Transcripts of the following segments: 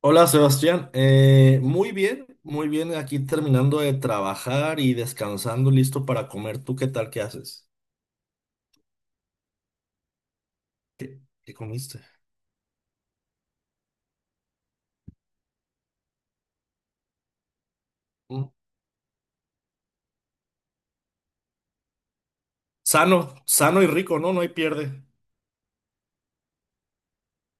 Hola Sebastián, muy bien, aquí terminando de trabajar y descansando, listo para comer. ¿Tú qué tal? ¿Qué haces? ¿Qué comiste? Mm. Sano, sano y rico, ¿no? No hay pierde.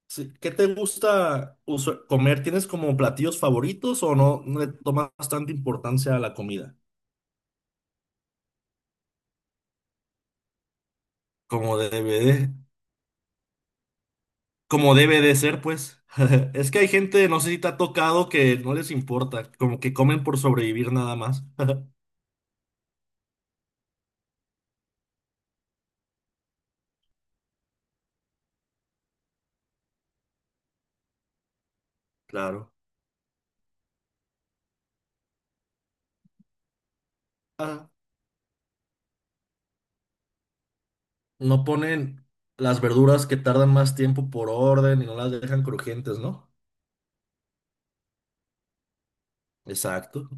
Sí. ¿Qué te gusta comer? ¿Tienes como platillos favoritos o no, no le tomas bastante importancia a la comida? Como debe de, como debe de ser, pues. Es que hay gente, no sé si te ha tocado, que no les importa, como que comen por sobrevivir nada más. Claro. Ah, no ponen las verduras que tardan más tiempo por orden y no las dejan crujientes, ¿no? Exacto.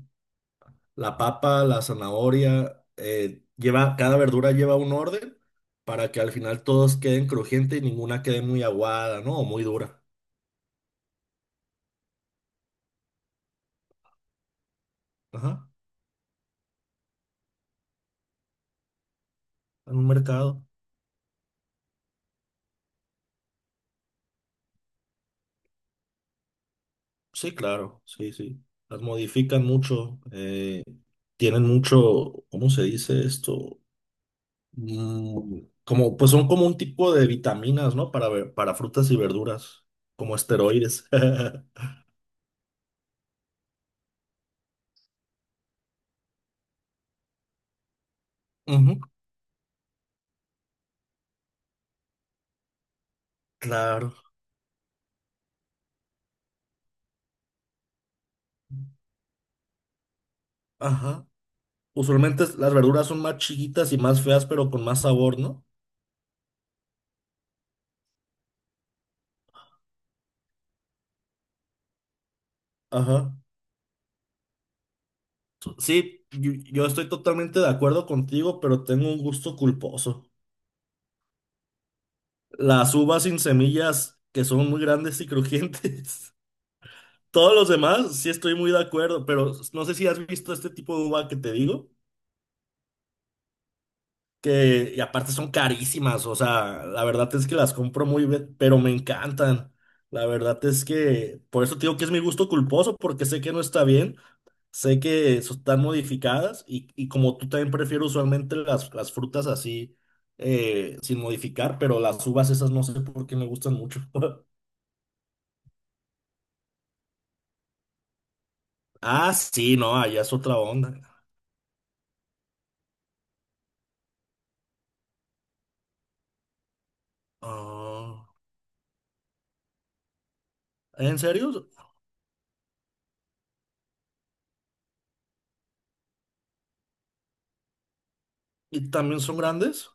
La papa, la zanahoria, lleva, cada verdura lleva un orden para que al final todos queden crujientes y ninguna quede muy aguada, ¿no? O muy dura. Ajá. En un mercado. Sí, claro. Sí, sí. Las modifican mucho. Tienen mucho, ¿cómo se dice esto? Mm, como, pues son como un tipo de vitaminas, ¿no? Para, para frutas y verduras, como esteroides. Ujú. Claro. Ajá. Usualmente las verduras son más chiquitas y más feas, pero con más sabor, ¿no? Ajá. Sí, yo estoy totalmente de acuerdo contigo, pero tengo un gusto culposo. Las uvas sin semillas, que son muy grandes y crujientes. Todos los demás, sí estoy muy de acuerdo, pero no sé si has visto este tipo de uva que te digo. Que, y aparte son carísimas, o sea, la verdad es que las compro muy bien, pero me encantan. La verdad es que, por eso te digo que es mi gusto culposo, porque sé que no está bien, sé que están modificadas y como tú también prefiero usualmente las frutas así, sin modificar, pero las uvas esas no sé por qué me gustan mucho. Ah, sí, no, allá es otra onda. Ah, ¿en serio? ¿Y también son grandes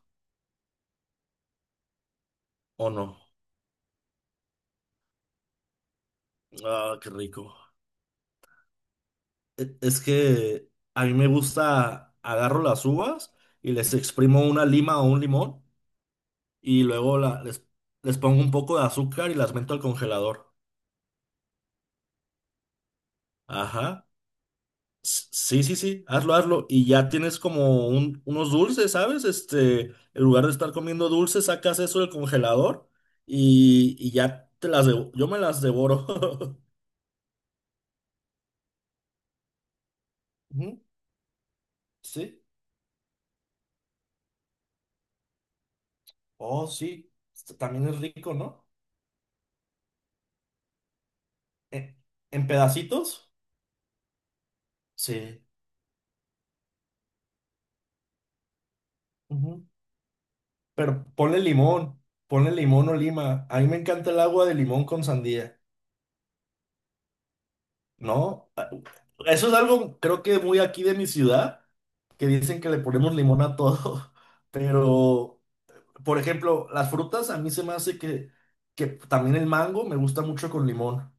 o no? Ah, qué rico. Es que a mí me gusta, agarro las uvas y les exprimo una lima o un limón y luego les pongo un poco de azúcar y las meto al congelador. Ajá. Sí, sí, sí, hazlo, hazlo. Y ya tienes como unos dulces, ¿sabes? Este, en lugar de estar comiendo dulces, sacas eso del congelador y ya te yo me las devoro. Ujú. Sí. Oh, sí. Esto también es rico, ¿no? ¿En, en pedacitos? Sí. Pero ponle limón o lima. A mí me encanta el agua de limón con sandía, ¿no? Ah, eso es algo, creo que muy aquí de mi ciudad, que dicen que le ponemos limón a todo. Pero, por ejemplo, las frutas a mí se me hace que también el mango me gusta mucho con limón.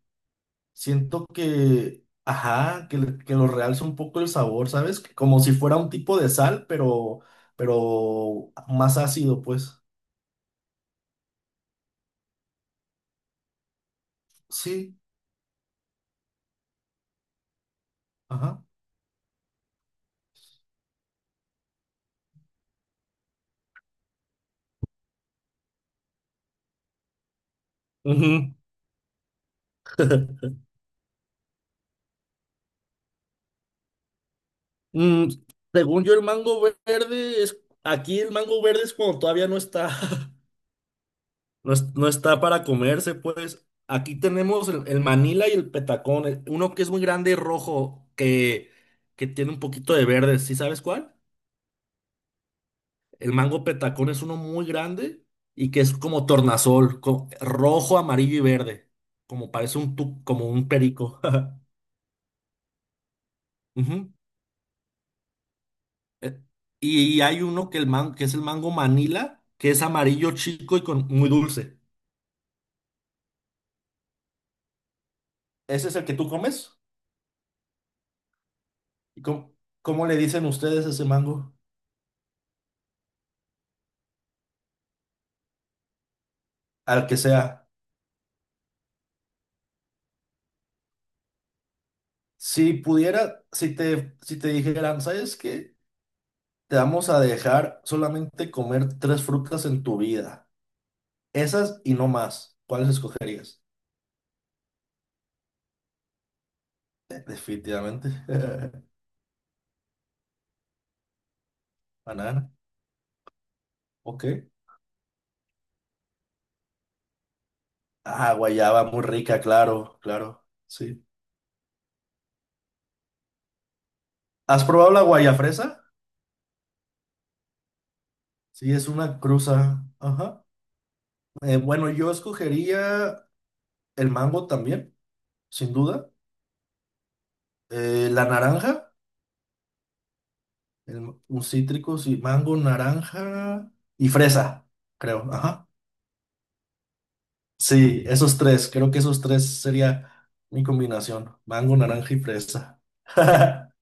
Siento que, ajá, que, que lo realza un poco el sabor, ¿sabes? Como si fuera un tipo de sal, pero más ácido, pues. Sí, ajá. Ujú. Mm, según yo, el mango verde es. Aquí el mango verde es cuando todavía no está. No, no está para comerse, pues. Aquí tenemos el Manila y el Petacón. Uno que es muy grande y rojo, que tiene un poquito de verde. ¿Sí sabes cuál? El mango Petacón es uno muy grande y que es como tornasol, rojo, amarillo y verde. Como parece un, como un perico. Ujú. Eh, Y hay uno que, que es el mango Manila, que es amarillo chico y con, muy dulce. ¿Ese es el que tú comes? ¿Y cómo, cómo le dicen ustedes a ese mango? Al que sea. Si pudiera, si te dijeran, ¿sabes qué? Te vamos a dejar solamente comer tres frutas en tu vida. Esas y no más. ¿Cuáles escogerías? Definitivamente. Banana. Ok. Ah, guayaba, muy rica, claro, claro. Sí. ¿Has probado la guayafresa? Sí, es una cruza. Ajá. Bueno, yo escogería el mango también, sin duda. La naranja, un cítrico, sí, mango, naranja y fresa, creo. Ajá. Sí, esos tres, creo que esos tres sería mi combinación, mango, naranja y fresa.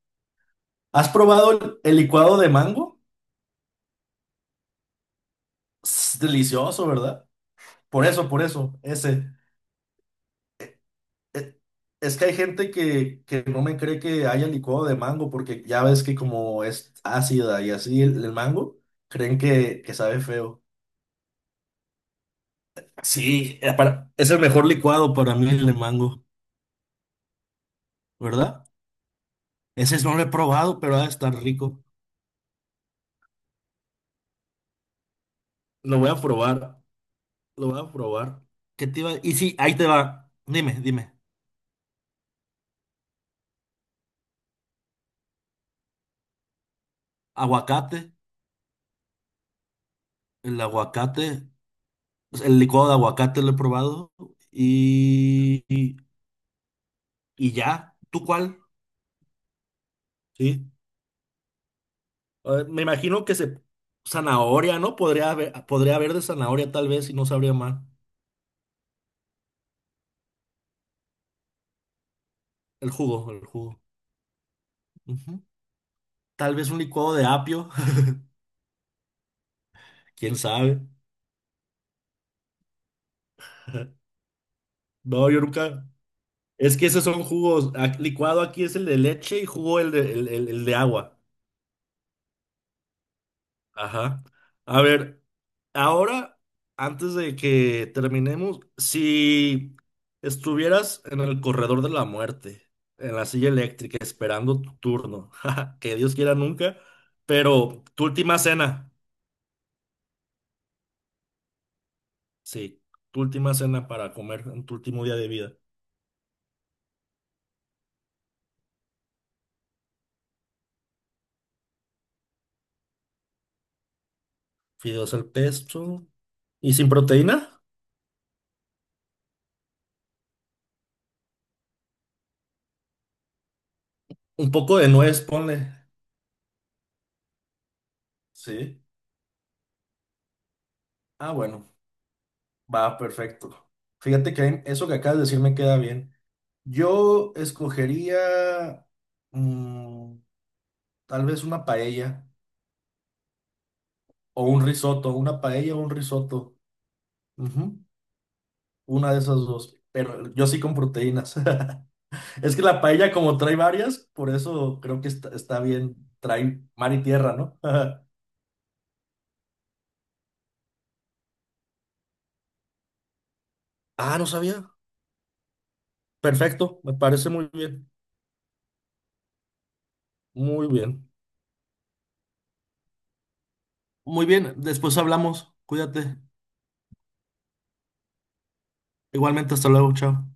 ¿Has probado el licuado de mango? Es delicioso, ¿verdad? Por eso, ese. e- Es que hay gente que no me cree que haya licuado de mango porque ya ves que como es ácida y así el mango, creen que sabe feo. Sí, es el mejor licuado para mí el de mango, ¿verdad? Ese no lo he probado, pero ha de estar rico. Lo voy a probar, lo voy a probar. ¿Qué te iba? Y sí, ahí te va. Dime, dime. Aguacate, el aguacate, pues, el licuado de aguacate lo he probado y, y, y ya. ¿Tú cuál? Sí. Me imagino que se... Zanahoria, ¿no? Podría haber de zanahoria tal vez y no sabría mal. El jugo, el jugo. Ujú. Tal vez un licuado de apio, quién sabe. No, yo nunca. Es que esos son jugos. Licuado aquí es el de leche y jugo el de, el, el de agua. Ajá. A ver, ahora, antes de que terminemos, si estuvieras en el corredor de la muerte, en la silla eléctrica, esperando tu turno, que Dios quiera nunca, pero tu última cena, sí, tu última cena para comer en tu último día de vida, fideos al pesto y sin proteína, un poco de nuez, ponle, sí. Ah, bueno, va, perfecto. Fíjate que eso que acabas de decir me queda bien. Yo escogería mm, tal vez una paella o un risotto, una paella o un risotto. Ujú. Una de esas dos, pero yo sí con proteínas. Es que la paella como trae varias, por eso creo que está, está bien, trae mar y tierra, ¿no? Ah, no sabía. Perfecto, me parece muy bien, muy bien. Muy bien, después hablamos, cuídate. Igualmente, hasta luego, chao.